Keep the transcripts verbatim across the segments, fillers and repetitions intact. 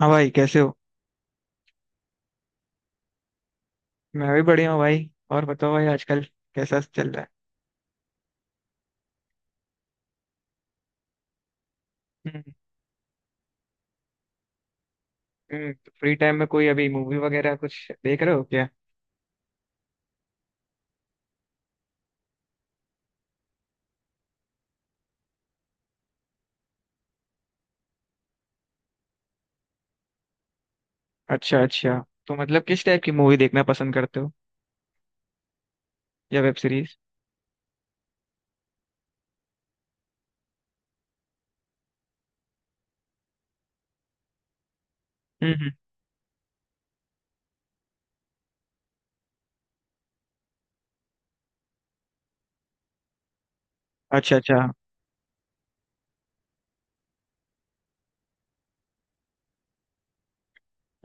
हाँ भाई, कैसे हो। मैं भी बढ़िया हूँ भाई। और बताओ भाई आजकल कैसा चल रहा है। हम्म हम्म, तो फ्री टाइम में कोई अभी मूवी वगैरह कुछ देख रहे हो क्या। अच्छा अच्छा, तो मतलब किस टाइप की मूवी देखना पसंद करते हो या वेब सीरीज। हम्म हम्म, अच्छा अच्छा।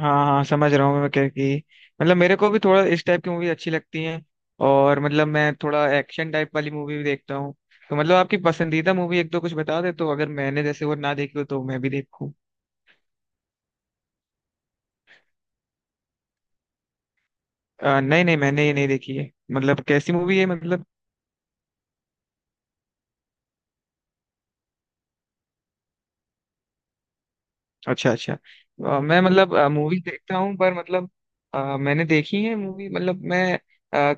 हाँ हाँ, समझ रहा हूँ मैं क्या, कि मतलब मेरे को भी थोड़ा इस टाइप की मूवी अच्छी लगती है। और मतलब मैं थोड़ा एक्शन टाइप वाली मूवी भी देखता हूँ। तो मतलब आपकी पसंदीदा मूवी एक दो कुछ बता दे, तो अगर मैंने जैसे वो ना देखी हो तो मैं भी देखूँ। अ, नहीं नहीं, मैंने ये नहीं देखी है। मतलब कैसी मूवी है मतलब। अच्छा अच्छा। अ, मैं मतलब मूवी देखता हूँ, पर मतलब अ, मैंने देखी है मूवी। मतलब मैं अ,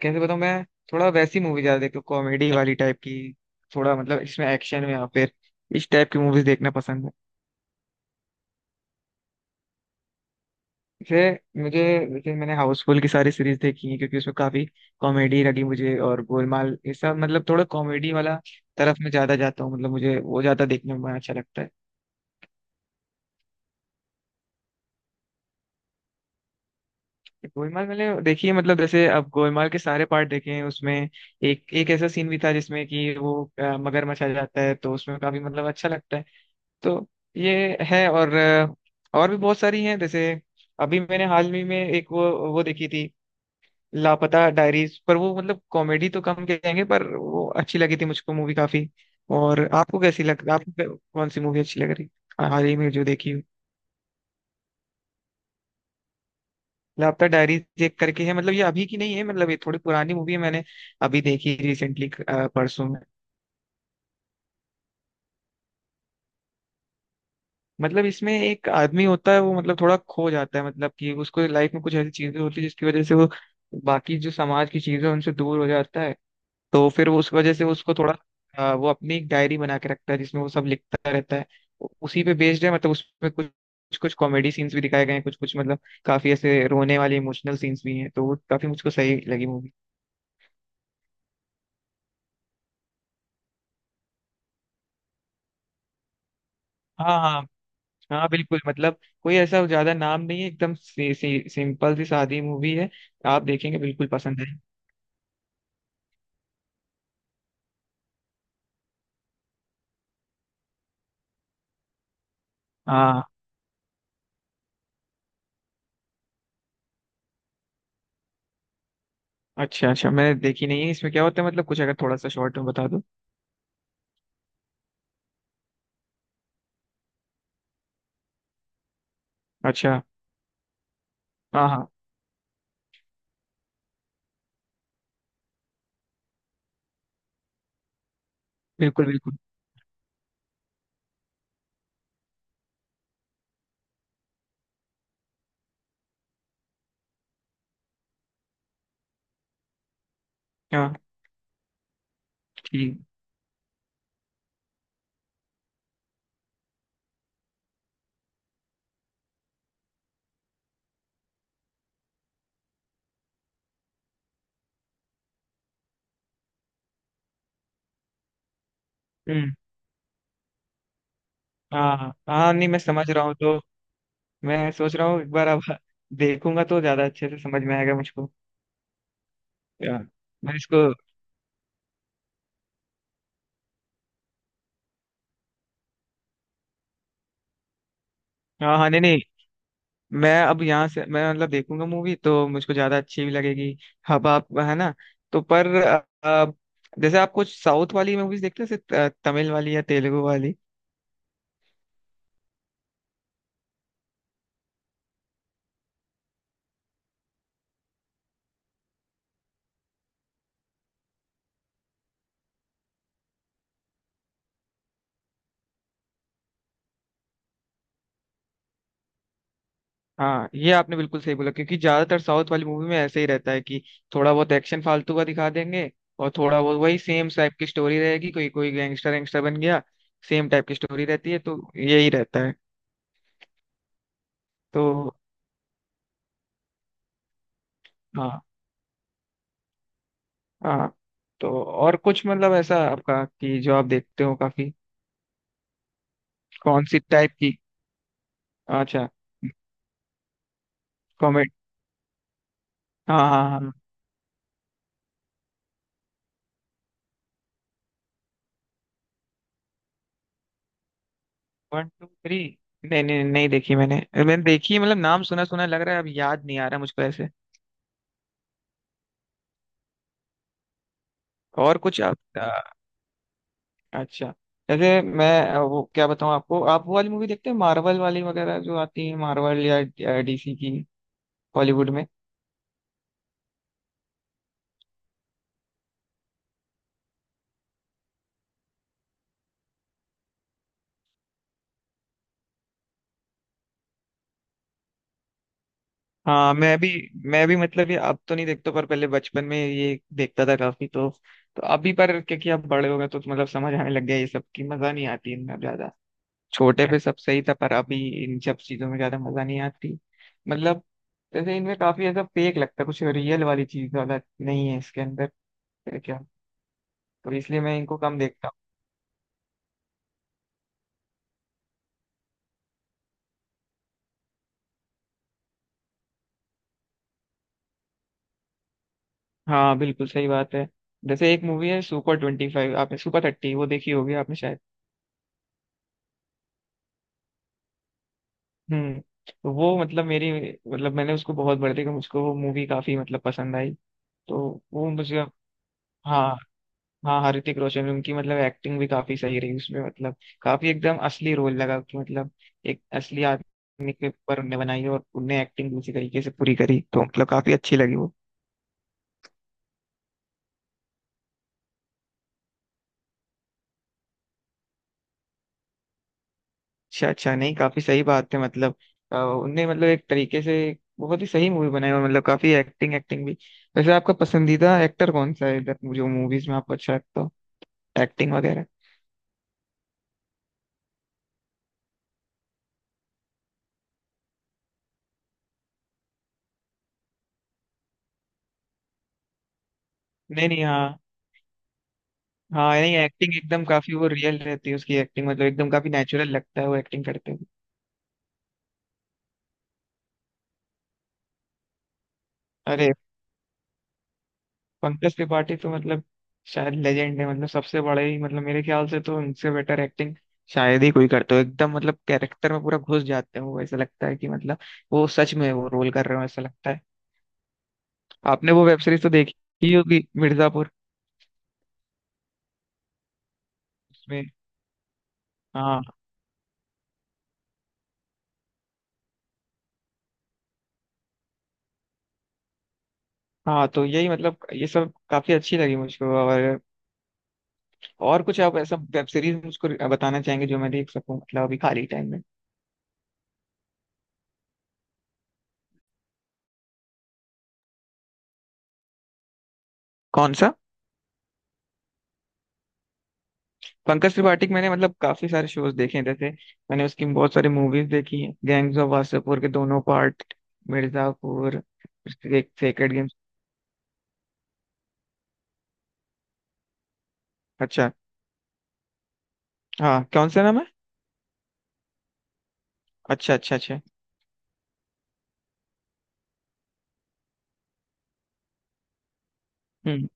कैसे बताऊँ मैं। थोड़ा वैसी मूवी ज्यादा देखता हूँ, कॉमेडी वाली टाइप की। थोड़ा मतलब इसमें एक्शन में या फिर इस टाइप की मूवीज देखना पसंद है। जैसे मुझे, जैसे मैंने हाउसफुल की सारी सीरीज देखी है क्योंकि उसमें काफी कॉमेडी लगी मुझे। और गोलमाल, ये सब मतलब थोड़ा कॉमेडी वाला तरफ में ज्यादा जाता हूँ। मतलब मुझे वो ज्यादा देखने में अच्छा लगता है। गोलमाल मैंने देखी है, मतलब जैसे अब गोलमाल के सारे पार्ट देखे हैं। उसमें एक एक ऐसा सीन भी था जिसमें कि वो अ, मगरमच्छ आ जाता है, तो उसमें काफी मतलब अच्छा लगता है। तो ये है। और अ, और भी बहुत सारी हैं। जैसे अभी मैंने हाल ही में एक वो वो देखी थी, लापता डायरीज। पर वो मतलब कॉमेडी तो कम कहेंगे, पर वो अच्छी लगी थी मुझको मूवी काफी। और आपको कैसी लग, आपको कौन सी मूवी अच्छी लग रही, हाल ही में जो देखी हो। लापता डायरी चेक करके है, मतलब ये अभी की नहीं है। मतलब ये थोड़ी पुरानी मूवी है, मैंने अभी देखी रिसेंटली परसों में। मतलब इसमें एक आदमी होता है, वो मतलब थोड़ा खो जाता है। मतलब कि उसको लाइफ में कुछ ऐसी चीजें होती है जिसकी वजह से वो बाकी जो समाज की चीजें हैं, उनसे दूर हो जाता है। तो फिर वो उस वजह से उसको थोड़ा अ, वो अपनी एक डायरी बना के रखता है जिसमें वो सब लिखता रहता है। उसी पे बेस्ड है, मतलब उसमें कुछ कुछ कुछ कॉमेडी सीन्स भी दिखाए गए हैं। कुछ कुछ मतलब काफी ऐसे रोने वाले इमोशनल सीन्स भी हैं, तो वो काफी मुझको सही लगी मूवी। हाँ हाँ हाँ, बिल्कुल मतलब कोई ऐसा ज्यादा नाम नहीं है, एकदम सी, सी, सिंपल सी सादी मूवी है। आप देखेंगे बिल्कुल पसंद है। हाँ। अच्छा अच्छा, मैंने देखी नहीं है। इसमें क्या होता है मतलब कुछ अगर थोड़ा सा शॉर्ट में बता दो। अच्छा। हाँ हाँ, बिल्कुल बिल्कुल। हाँ ठीक। हम्म। हाँ हाँ हाँ, नहीं मैं समझ रहा हूँ। तो मैं सोच रहा हूँ एक बार अब देखूंगा तो ज्यादा अच्छे से समझ में आएगा मुझको। या, मैं इसको। हाँ हाँ, नहीं नहीं, मैं अब यहाँ से मैं मतलब देखूंगा मूवी तो मुझको ज्यादा अच्छी भी लगेगी। अब आप है ना। तो पर अ, जैसे आप कुछ साउथ वाली मूवीज देखते हैं, जैसे त- तमिल वाली या तेलुगु वाली। हाँ, ये आपने बिल्कुल सही बोला, क्योंकि ज्यादातर साउथ वाली मूवी में ऐसे ही रहता है कि थोड़ा बहुत एक्शन फालतू का दिखा देंगे। और थोड़ा बहुत वही सेम टाइप की स्टोरी रहेगी, कोई कोई गैंगस्टर गैंगस्टर बन गया। सेम टाइप की स्टोरी रहती है तो यही रहता है। तो हाँ हाँ। तो और कुछ मतलब ऐसा आपका कि जो आप देखते हो काफी। कौन सी टाइप की। अच्छा। कॉमेडी। हाँ हाँ हाँ। One two three. नहीं नहीं, नहीं देखी मैंने, मैंने देखी है, मतलब नाम सुना सुना लग रहा है, अब याद नहीं आ रहा मुझको ऐसे। और कुछ आप अ, अच्छा। जैसे मैं अ, वो क्या बताऊँ आपको, आप वो वाली मूवी देखते हैं, मार्वल वाली वगैरह जो आती है, मार्वल या डीसी की, बॉलीवुड में। हाँ, मैं भी, मैं भी मतलब ये अब तो नहीं देखता, पर पहले बचपन में ये देखता था काफी। तो तो अभी पर क्योंकि अब बड़े हो गए तो मतलब समझ आने लग गया ये सब की मजा नहीं आती इतना ज्यादा। छोटे पे सब सही था, पर अभी इन सब चीजों में ज्यादा मजा नहीं आती। मतलब जैसे इनमें काफी ऐसा फेक लगता है, कुछ रियल वाली चीज ज्यादा नहीं है इसके अंदर है क्या। तो इसलिए मैं इनको कम देखता हूँ। हाँ बिल्कुल सही बात है। जैसे एक मूवी है सुपर ट्वेंटी फाइव, आपने सुपर थर्टी वो देखी होगी आपने शायद। हम्म। तो वो मतलब मेरी, मतलब मैंने उसको बहुत बार देखा, मुझको वो मूवी काफी मतलब पसंद आई। तो वो मुझे हाँ हाँ हाँ, ऋतिक रोशन उनकी मतलब एक्टिंग भी काफी सही रही उसमें। मतलब काफी एकदम असली रोल लगा कि मतलब एक असली आदमी के ऊपर उनने बनाई है और उनने एक्टिंग उसी तरीके से पूरी करी, तो मतलब काफी अच्छी लगी वो। अच्छा अच्छा, नहीं काफी सही बात है। मतलब अ, उनने मतलब एक तरीके से बहुत ही सही मूवी बनाई। और मतलब काफी एक्टिंग एक्टिंग भी। वैसे आपका पसंदीदा एक्टर कौन सा है इधर, जो मूवीज में आपको अच्छा लगता हो, एक्टिंग वगैरह। नहीं नहीं, हाँ हाँ। नहीं, एक्टिंग एकदम काफी वो रियल रहती है उसकी एक्टिंग। मतलब एकदम काफी नेचुरल लगता है वो एक्टिंग करते हुए। अरे पंकज त्रिपाठी तो मतलब शायद लेजेंड है, मतलब सबसे बड़े ही, मतलब मेरे ख्याल से तो उनसे बेटर एक्टिंग शायद ही कोई करता हो। एकदम मतलब कैरेक्टर में पूरा घुस जाते हैं वो, ऐसा लगता है कि मतलब वो सच में वो रोल कर रहे हो ऐसा लगता है। आपने वो वेब सीरीज तो देखी ही होगी, मिर्जापुर। उसमें हाँ हाँ, तो यही मतलब ये सब काफी अच्छी लगी मुझको। और और कुछ आप ऐसा वेब सीरीज मुझको बताना चाहेंगे जो मैं देख सकूं मतलब अभी खाली टाइम में। कौन सा। पंकज त्रिपाठी के मैंने मतलब काफी सारे शोज देखे हैं। जैसे मैंने उसकी बहुत सारी मूवीज देखी हैं, गैंग्स ऑफ वासेपुर के दोनों पार्ट, मिर्जापुर, एक सेक्रेड गेम्स। अच्छा। हाँ कौन सा नाम है। अच्छा अच्छा अच्छा। हम्म।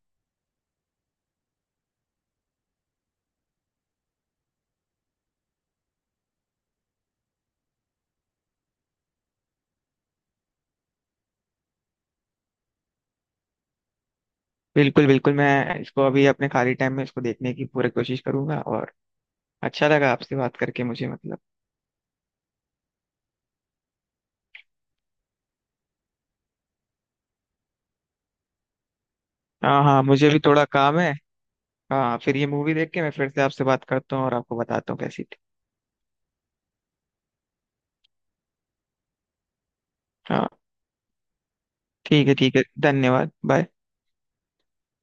बिल्कुल बिल्कुल, मैं इसको अभी अपने खाली टाइम में इसको देखने की पूरी कोशिश करूंगा। और अच्छा लगा आपसे बात करके मुझे मतलब। हाँ हाँ, मुझे भी थोड़ा काम है। हाँ फिर ये मूवी देख के मैं फिर से आपसे बात करता हूँ और आपको बताता हूँ कैसी थी। हाँ ठीक है ठीक है। धन्यवाद, बाय।